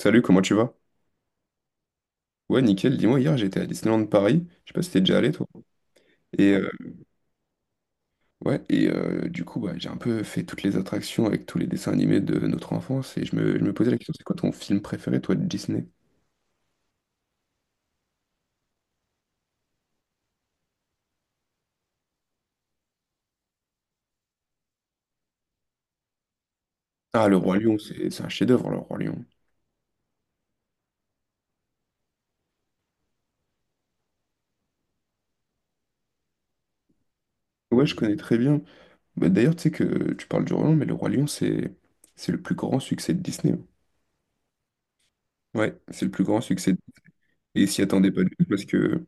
Salut, comment tu vas? Ouais, nickel. Dis-moi, hier j'étais à Disneyland Paris. Je sais pas si t'es déjà allé toi. Et euh, ouais, du coup, bah, j'ai un peu fait toutes les attractions avec tous les dessins animés de notre enfance et je me posais la question, c'est quoi ton film préféré, toi, de Disney? Ah, Le Roi Lion, c'est un chef-d'œuvre, Le Roi Lion. Ouais, je connais très bien. Bah, d'ailleurs, tu sais que tu parles du Roi Lion, mais Le Roi Lion, c'est le plus grand succès de Disney, hein. Ouais, c'est le plus grand succès. Et ils s'y attendaient pas du tout parce que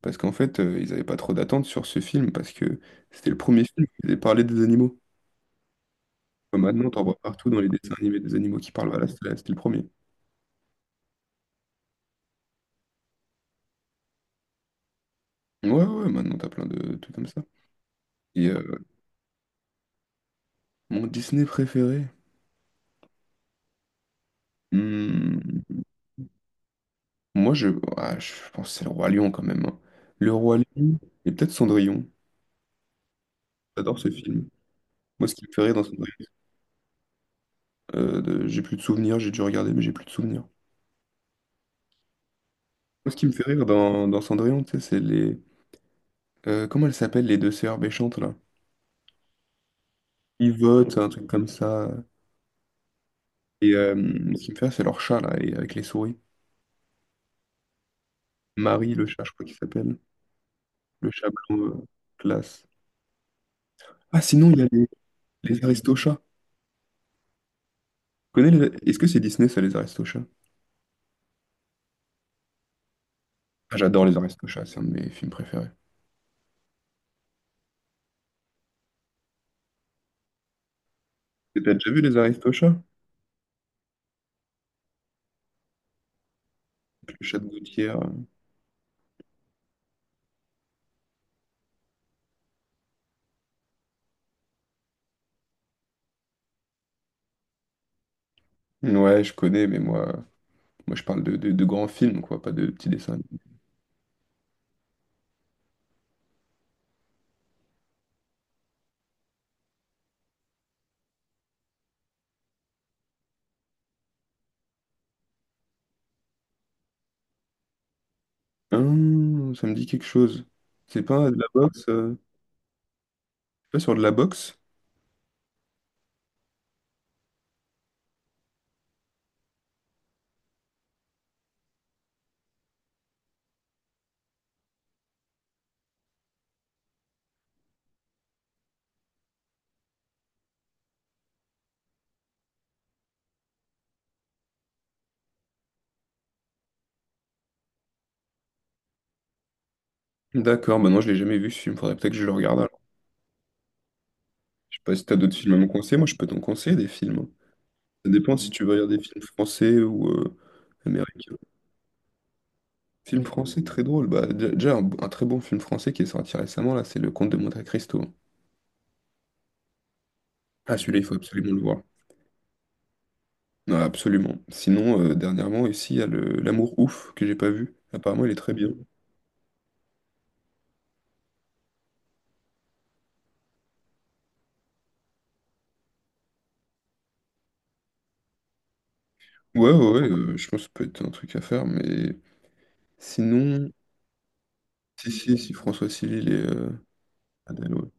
parce qu'en fait, ils avaient pas trop d'attentes sur ce film parce que c'était le premier film qui faisait parler des animaux. Ouais, maintenant, t'en vois partout dans les dessins animés des animaux qui parlent. Voilà, c'était le premier. Ouais, ouais, maintenant t'as plein de trucs comme ça. Et euh, mon Disney préféré? Hmm, moi, je pense que c'est le Roi Lion quand même, hein. Le Roi Lion et peut-être Cendrillon. J'adore ce film. Moi, ce qui me fait rire dans Cendrillon, j'ai plus de souvenirs, j'ai dû regarder, mais j'ai plus de souvenirs. Moi, ce qui me fait rire dans Cendrillon, tu sais, c'est les. Comment elles s'appellent, les deux sœurs méchantes, là? Yvonne, un truc comme ça. Et euh, ce qui me fait rire, c'est leur chat, là, et avec les souris. Marie, le chat, je crois qu'il s'appelle. Le chat blanc, classe. Ah, sinon, il y ouais, a les Aristochats. Tu connais? Est-ce que c'est Disney, ça, les Aristochats? Ah, j'adore les Aristochats, c'est un de mes films préférés. Et t'as déjà vu les Aristochats? Avec le chat de Gauthier. Ouais, je connais, mais moi, je parle de grands films, quoi, pas de petits dessins animés. Ça me dit quelque chose. C'est pas de la boxe? C'est pas sur de la boxe? D'accord, bah non, je l'ai jamais vu ce film, faudrait peut-être que je le regarde alors. Je sais pas si t'as d'autres films à me conseiller, moi je peux t'en conseiller des films, hein. Ça dépend si tu veux regarder des films français ou américains. Film français très drôle. Bah, déjà, un très bon film français qui est sorti récemment, là, c'est Le Comte de Monte-Cristo. Ah, celui-là, il faut absolument le voir. Non, absolument. Sinon, dernièrement, ici, il y a L'Amour Ouf, que j'ai pas vu. Apparemment, il est très bien. Ouais, ouais, ouais, je pense que ça peut être un truc à faire, mais sinon... Si, si, si, François Civil et Adèle, ouais.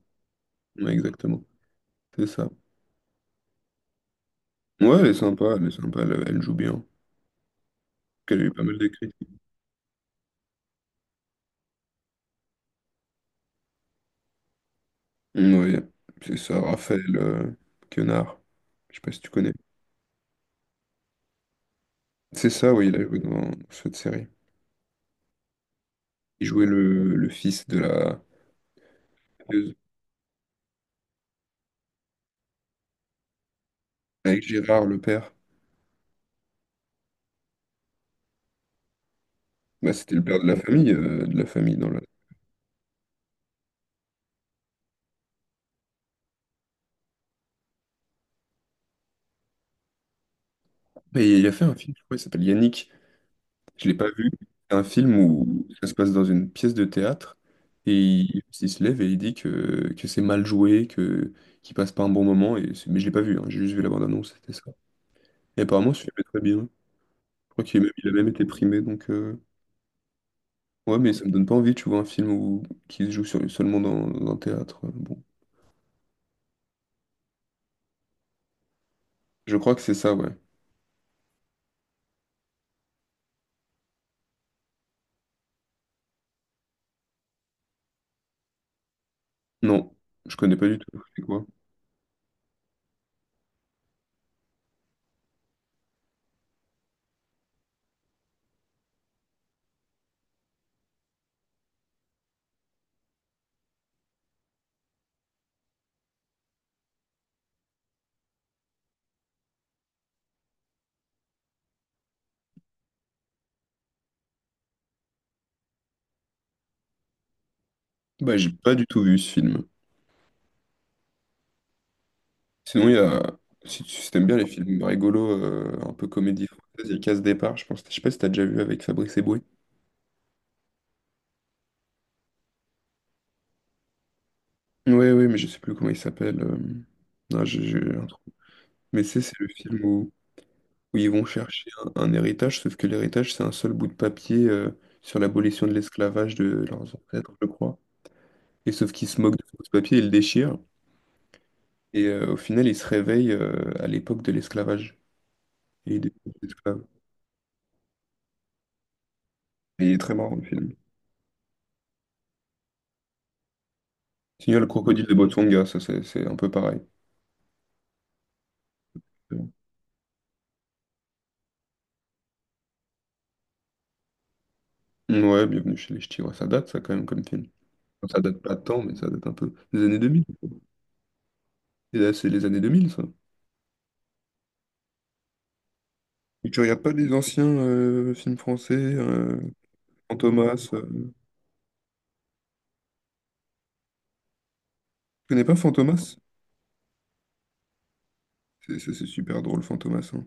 Ouais, exactement. C'est ça. Ouais, elle est sympa, elle est sympa, elle joue bien. Elle a eu pas mal de critiques. Ouais, c'est ça, Raphaël Quenard. Je sais pas si tu connais. C'est ça, oui, il a joué dans cette série. Il jouait le fils de la tueuse, avec Gérard, le père. Bah, c'était le père de la famille dans la... Et il a fait un film, je crois, il s'appelle Yannick. Je l'ai pas vu. C'est un film où ça se passe dans une pièce de théâtre et il se lève et il dit que c'est mal joué, que qu'il passe pas un bon moment. Et mais je l'ai pas vu, hein, j'ai juste vu la bande-annonce, c'était ça. Et apparemment, ce film est très bien. Je crois qu'il a même été primé, donc... Ouais, mais ça me donne pas envie, tu vois, un film où... qui se joue sur, seulement dans un théâtre. Bon. Je crois que c'est ça, ouais. Non, je connais pas du tout. C'est quoi? Bah, j'ai pas du tout vu ce film. Sinon, il y a. Si t'aimes bien les films rigolos, un peu comédie française, il y a Casse Départ, je pense. Je sais pas si t'as déjà vu avec Fabrice Eboué. Ouais, ouais, mais je sais plus comment il s'appelle. Non, j'ai un trou. Mais c'est le film où ils vont chercher un héritage, sauf que l'héritage, c'est un seul bout de papier sur l'abolition de l'esclavage de leurs ancêtres, je crois. Et sauf qu'ils se moquent de ce bout de papier, ils le déchirent. Au final, ils se réveillent à l'époque de l'esclavage. Il est devenu esclave. Et il est très marrant le film. Sinon, le crocodile de Botswana, ça c'est un peu pareil. Ouais, bienvenue chez les Ch'tis. Ouais, ça date ça quand même comme film. Enfin, ça date pas de temps, mais ça date un peu des années 2000. Et là, c'est les années 2000, ça. Et tu regardes pas les anciens films français, Fantomas. Tu connais pas Fantomas? C'est super drôle, Fantomas, hein.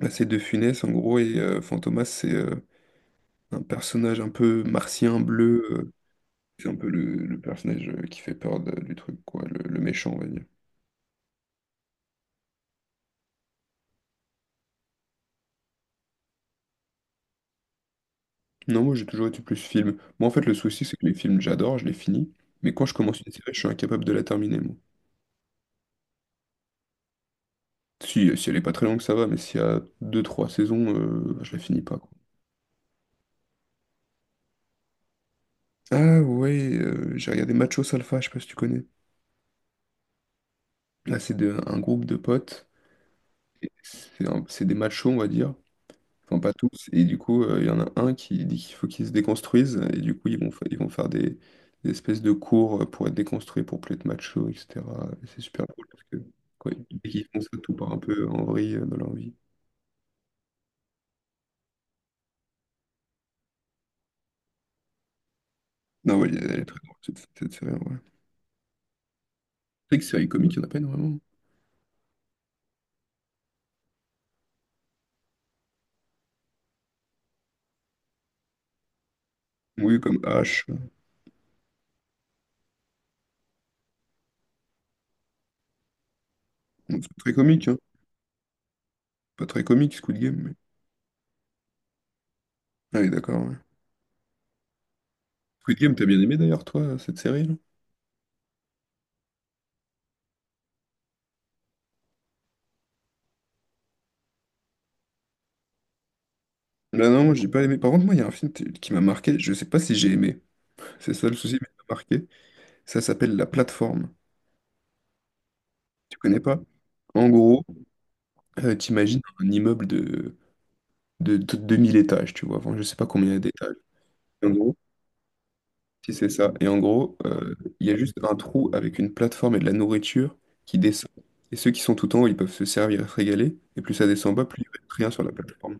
Là, c'est De Funès, en gros, et Fantomas, c'est un personnage un peu martien bleu. C'est un peu le personnage qui fait peur du truc, quoi, le méchant, on va dire. Non, moi j'ai toujours été plus film. Moi en fait, le souci c'est que les films j'adore, je les finis, mais quand je commence une série, je suis incapable de la terminer, moi. Si, si elle est pas très longue, ça va, mais s'il y a deux trois saisons, bah, je la finis pas, quoi. Ah ouais, j'ai regardé Macho Salfa, je sais pas si tu connais. Là, c'est un groupe de potes. Et c'est des machos, on va dire. Enfin, pas tous. Et du coup, il y en a un qui dit qu'il faut qu'ils se déconstruisent. Et du coup, ils vont faire des espèces de cours pour être déconstruits, pour plus être macho, etc. Et c'est super cool parce que dès qu'ils font ça, tout part un peu en vrille dans leur vie. Non, ouais, elle est très drôle, cette série. Ouais. C'est vrai que série comique, il n'y en a pas énormément. Oui, comme H. Bon, c'est pas très comique, hein. Pas très comique, Squid Game. Mais... Ah oui, d'accord, ouais. Squid Game, t'as bien aimé d'ailleurs, toi, cette série, là? Là, non, moi, j'ai pas aimé. Par contre, moi, il y a un film qui m'a marqué. Je sais pas si j'ai aimé. C'est ça le souci, mais il m'a marqué. Ça s'appelle la plateforme. Tu connais pas? En gros, t'imagines un immeuble de 2 000 étages, tu vois. Enfin, je sais pas combien il y a d'étages. En gros, si c'est ça. Et en gros, il y a juste un trou avec une plateforme et de la nourriture qui descend. Et ceux qui sont tout en haut, ils peuvent se servir se régaler. Et plus ça descend bas, plus il reste rien sur la plateforme.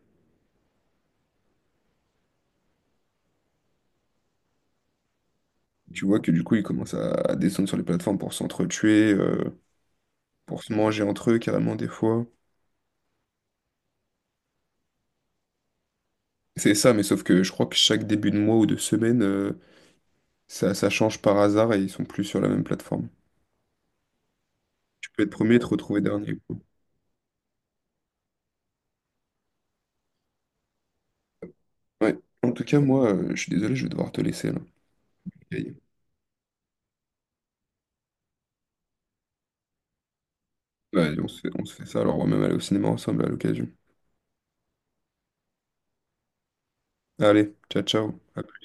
Tu vois que du coup, ils commencent à descendre sur les plateformes pour s'entretuer, pour se manger entre eux carrément des fois. C'est ça, mais sauf que je crois que chaque début de mois ou de semaine, ça, ça change par hasard et ils sont plus sur la même plateforme. Tu peux être premier et te retrouver dernier, quoi. Ouais. En tout cas, moi, je suis désolé, je vais devoir te laisser là. Ok. Ouais, on se fait ça, alors on va même aller au cinéma ensemble à l'occasion. Allez, ciao, ciao. À